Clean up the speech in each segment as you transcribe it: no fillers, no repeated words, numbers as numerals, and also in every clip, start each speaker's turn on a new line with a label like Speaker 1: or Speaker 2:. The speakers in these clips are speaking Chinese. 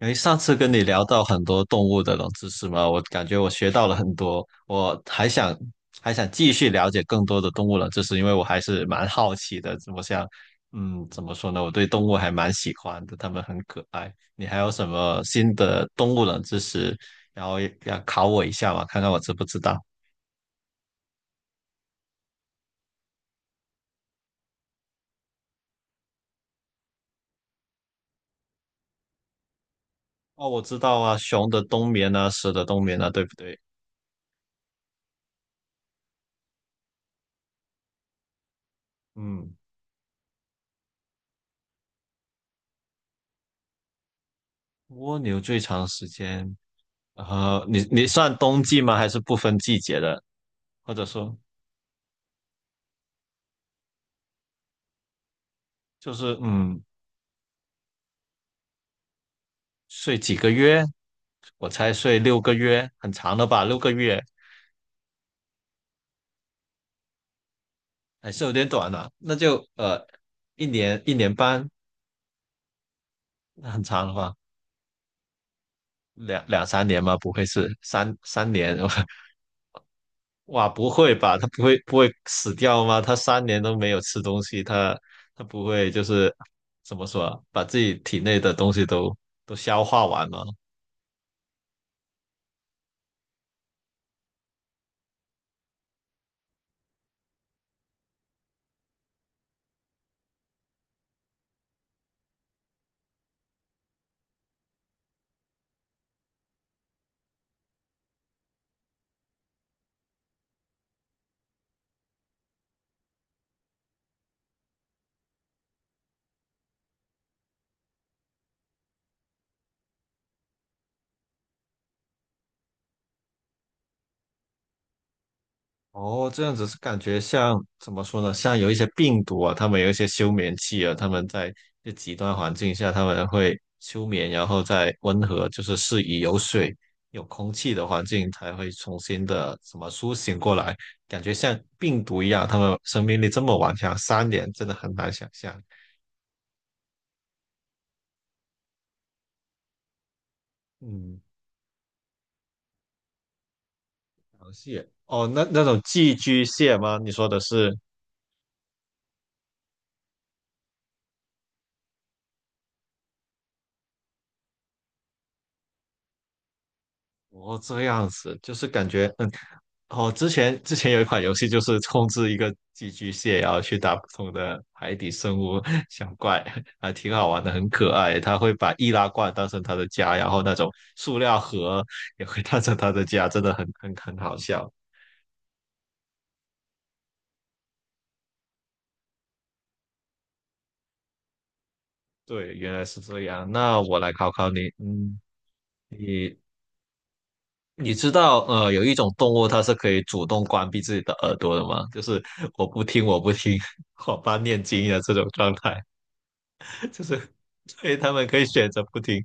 Speaker 1: 诶，上次跟你聊到很多动物的冷知识嘛，我感觉我学到了很多，我还想继续了解更多的动物冷知识，因为我还是蛮好奇的。我想，怎么说呢？我对动物还蛮喜欢的，它们很可爱。你还有什么新的动物冷知识，然后也要考我一下嘛，看看我知不知道？哦，我知道啊，熊的冬眠啊，蛇的冬眠啊，对不对？嗯，蜗牛最长时间，你算冬季吗？还是不分季节的？或者说就是嗯，睡几个月，我才睡六个月，很长的吧？六个月还是有点短了，那就一年1年半，那很长的话，两三年吗？不会是三年？哇，不会吧？他不会死掉吗？他三年都没有吃东西，他不会就是怎么说啊，把自己体内的东西都消化完吗？哦，这样子是感觉像怎么说呢？像有一些病毒啊，他们有一些休眠期啊，他们在这极端环境下，他们会休眠，然后再温和，就是适宜有水、有空气的环境才会重新的什么苏醒过来。感觉像病毒一样，他们生命力这么顽强，三年真的很难想象。嗯，螃蟹哦，那种寄居蟹吗？你说的是？哦，这样子就是感觉，嗯，哦，之前有一款游戏就是控制一个寄居蟹，然后去打不同的海底生物小怪，还挺好玩的，很可爱。它会把易拉罐当成它的家，然后那种塑料盒也会当成它的家，真的很好笑。对，原来是这样。那我来考考你，嗯，你你知道，有一种动物它是可以主动关闭自己的耳朵的吗？就是我不听，我不听，我爸念经的这种状态。就是所以他们可以选择不听。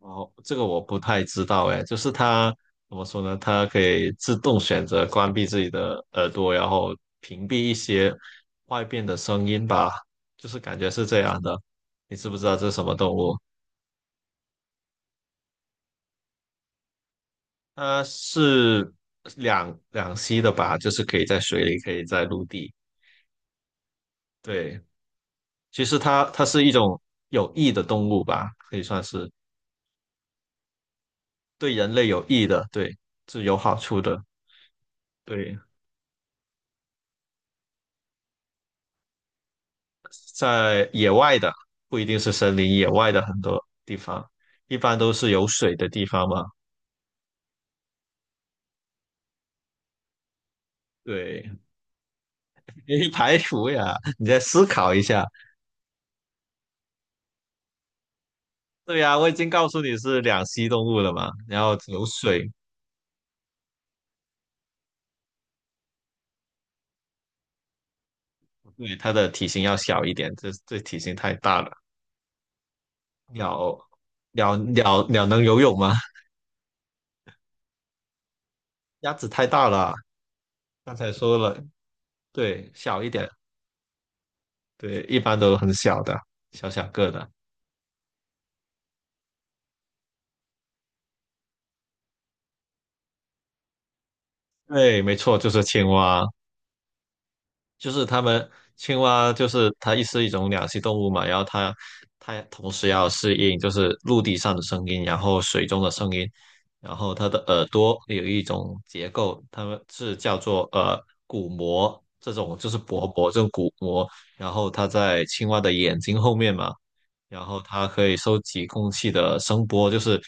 Speaker 1: 哦，这个我不太知道哎，就是它怎么说呢？它可以自动选择关闭自己的耳朵，然后屏蔽一些外边的声音吧，就是感觉是这样的。你知不知道这是什么动物？它是两栖的吧，就是可以在水里，可以在陆地。对，其实它是一种有益的动物吧，可以算是对人类有益的，对，是有好处的。对。在野外的，不一定是森林，野外的很多地方，一般都是有水的地方嘛。对，因为排除呀，你再思考一下。对呀，我已经告诉你是两栖动物了嘛，然后有水，对，它的体型要小一点，这体型太大了。鸟，鸟能游泳吗？鸭子太大了，刚才说了，对，小一点，对，一般都很小的，小小个的。对，没错，就是青蛙。就是它们青蛙，就是它是一种两栖动物嘛，然后它同时要适应就是陆地上的声音，然后水中的声音，然后它的耳朵有一种结构，它们是叫做鼓膜，这种就是薄膜，这种鼓膜，然后它在青蛙的眼睛后面嘛，然后它可以收集空气的声波，就是。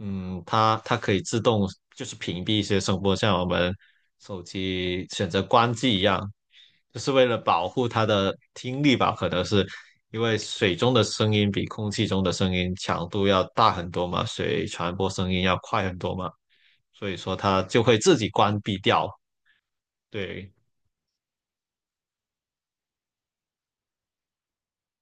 Speaker 1: 嗯，它可以自动就是屏蔽一些声波，像我们手机选择关机一样，就是为了保护它的听力吧？可能是因为水中的声音比空气中的声音强度要大很多嘛，水传播声音要快很多嘛，所以说它就会自己关闭掉。对，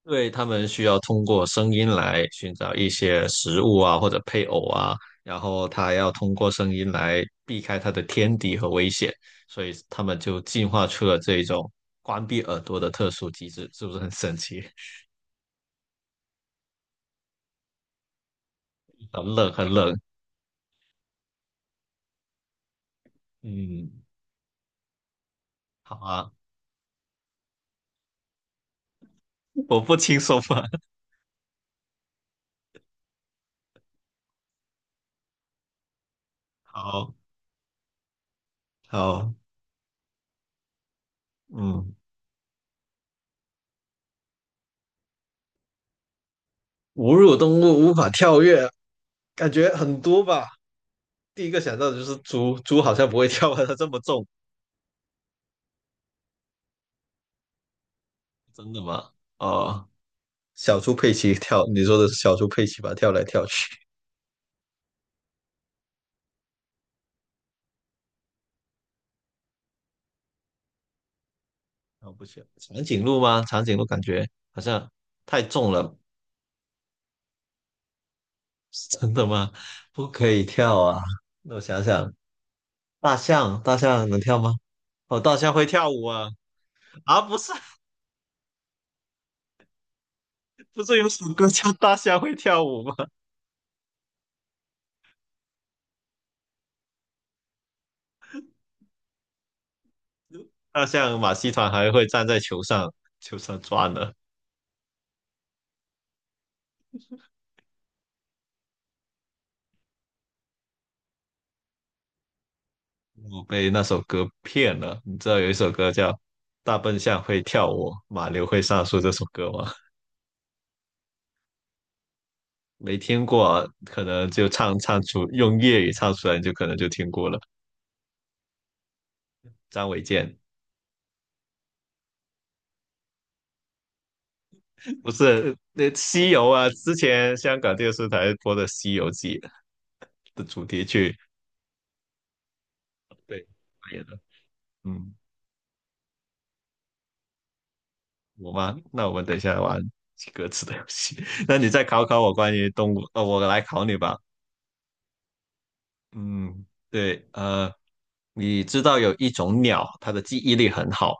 Speaker 1: 对，他们需要通过声音来寻找一些食物啊，或者配偶啊，然后他要通过声音来避开他的天敌和危险，所以他们就进化出了这种关闭耳朵的特殊机制，是不是很神奇？很冷，很冷。嗯，好啊，我不轻松吧？好，好，嗯，哺乳动物无法跳跃，感觉很多吧。第一个想到的就是猪，猪好像不会跳啊，它这么重。真的吗？哦。小猪佩奇跳，你说的是小猪佩奇吧？跳来跳去，啊、不行，长颈鹿吗？长颈鹿感觉好像太重了，真的吗？不可以跳啊！那我想想，大象，大象能跳吗？哦，大象会跳舞啊！啊，不是，不是有首歌叫《大象会跳舞》吗？大象马戏团还会站在球上，球上转呢。我被那首歌骗了，你知道有一首歌叫《大笨象会跳舞，马骝会上树》这首歌吗？没听过，可能就唱出用粤语唱出来，你就可能就听过了。张卫健 不是那《西游》啊，之前香港电视台播的《西游记》的主题曲，对，扮演的。嗯，我吗？那我们等一下玩歌词的游戏。那你再考考我关于动物，我来考你吧。嗯，对，你知道有一种鸟，它的记忆力很好，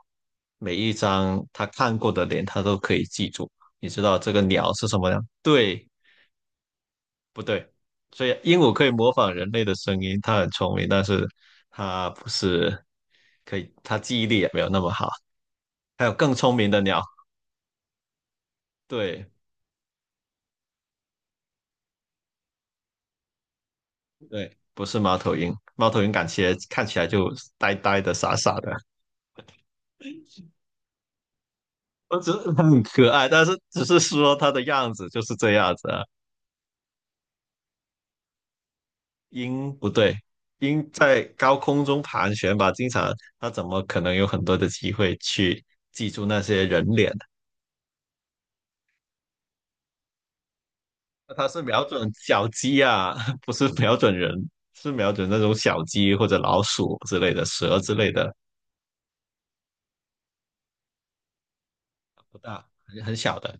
Speaker 1: 每一张它看过的脸，它都可以记住。你知道这个鸟是什么吗？对，不对？所以鹦鹉可以模仿人类的声音，它很聪明，但是它不是可以，它记忆力也没有那么好。还有更聪明的鸟，对对，不是猫头鹰，猫头鹰感觉看起来就呆呆的、傻傻的，我只是很可爱，但是只是说它的样子就是这样子啊。鹰不对，鹰在高空中盘旋吧，经常它怎么可能有很多的机会去记住那些人脸？那它是瞄准小鸡啊，不是瞄准人，是瞄准那种小鸡或者老鼠之类的、蛇之类的，不大，很小的。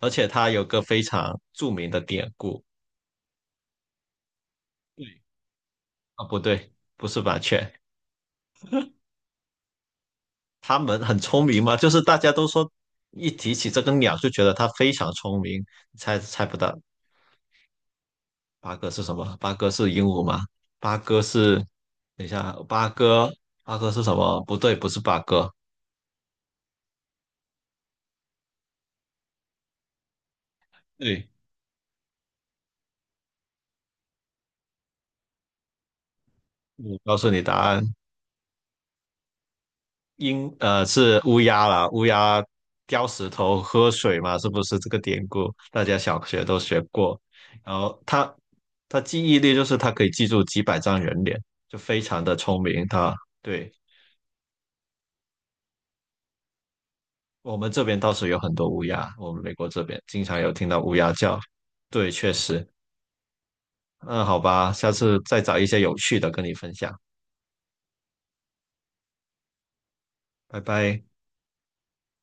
Speaker 1: 而且它有个非常著名的典故，对啊，不对，不是麻雀，它们很聪明嘛，就是大家都说一提起这个鸟就觉得它非常聪明，猜不到，八哥是什么？八哥是鹦鹉吗？八哥是，等一下，八哥，八哥是什么？不对，不是八哥。对，我告诉你答案，是乌鸦啦，乌鸦叼石头喝水嘛，是不是这个典故？大家小学都学过。然后它，它记忆力就是它可以记住几百张人脸，就非常的聪明。它，对，我们这边倒是有很多乌鸦，我们美国这边经常有听到乌鸦叫。对，确实。嗯，好吧，下次再找一些有趣的跟你分享，拜拜。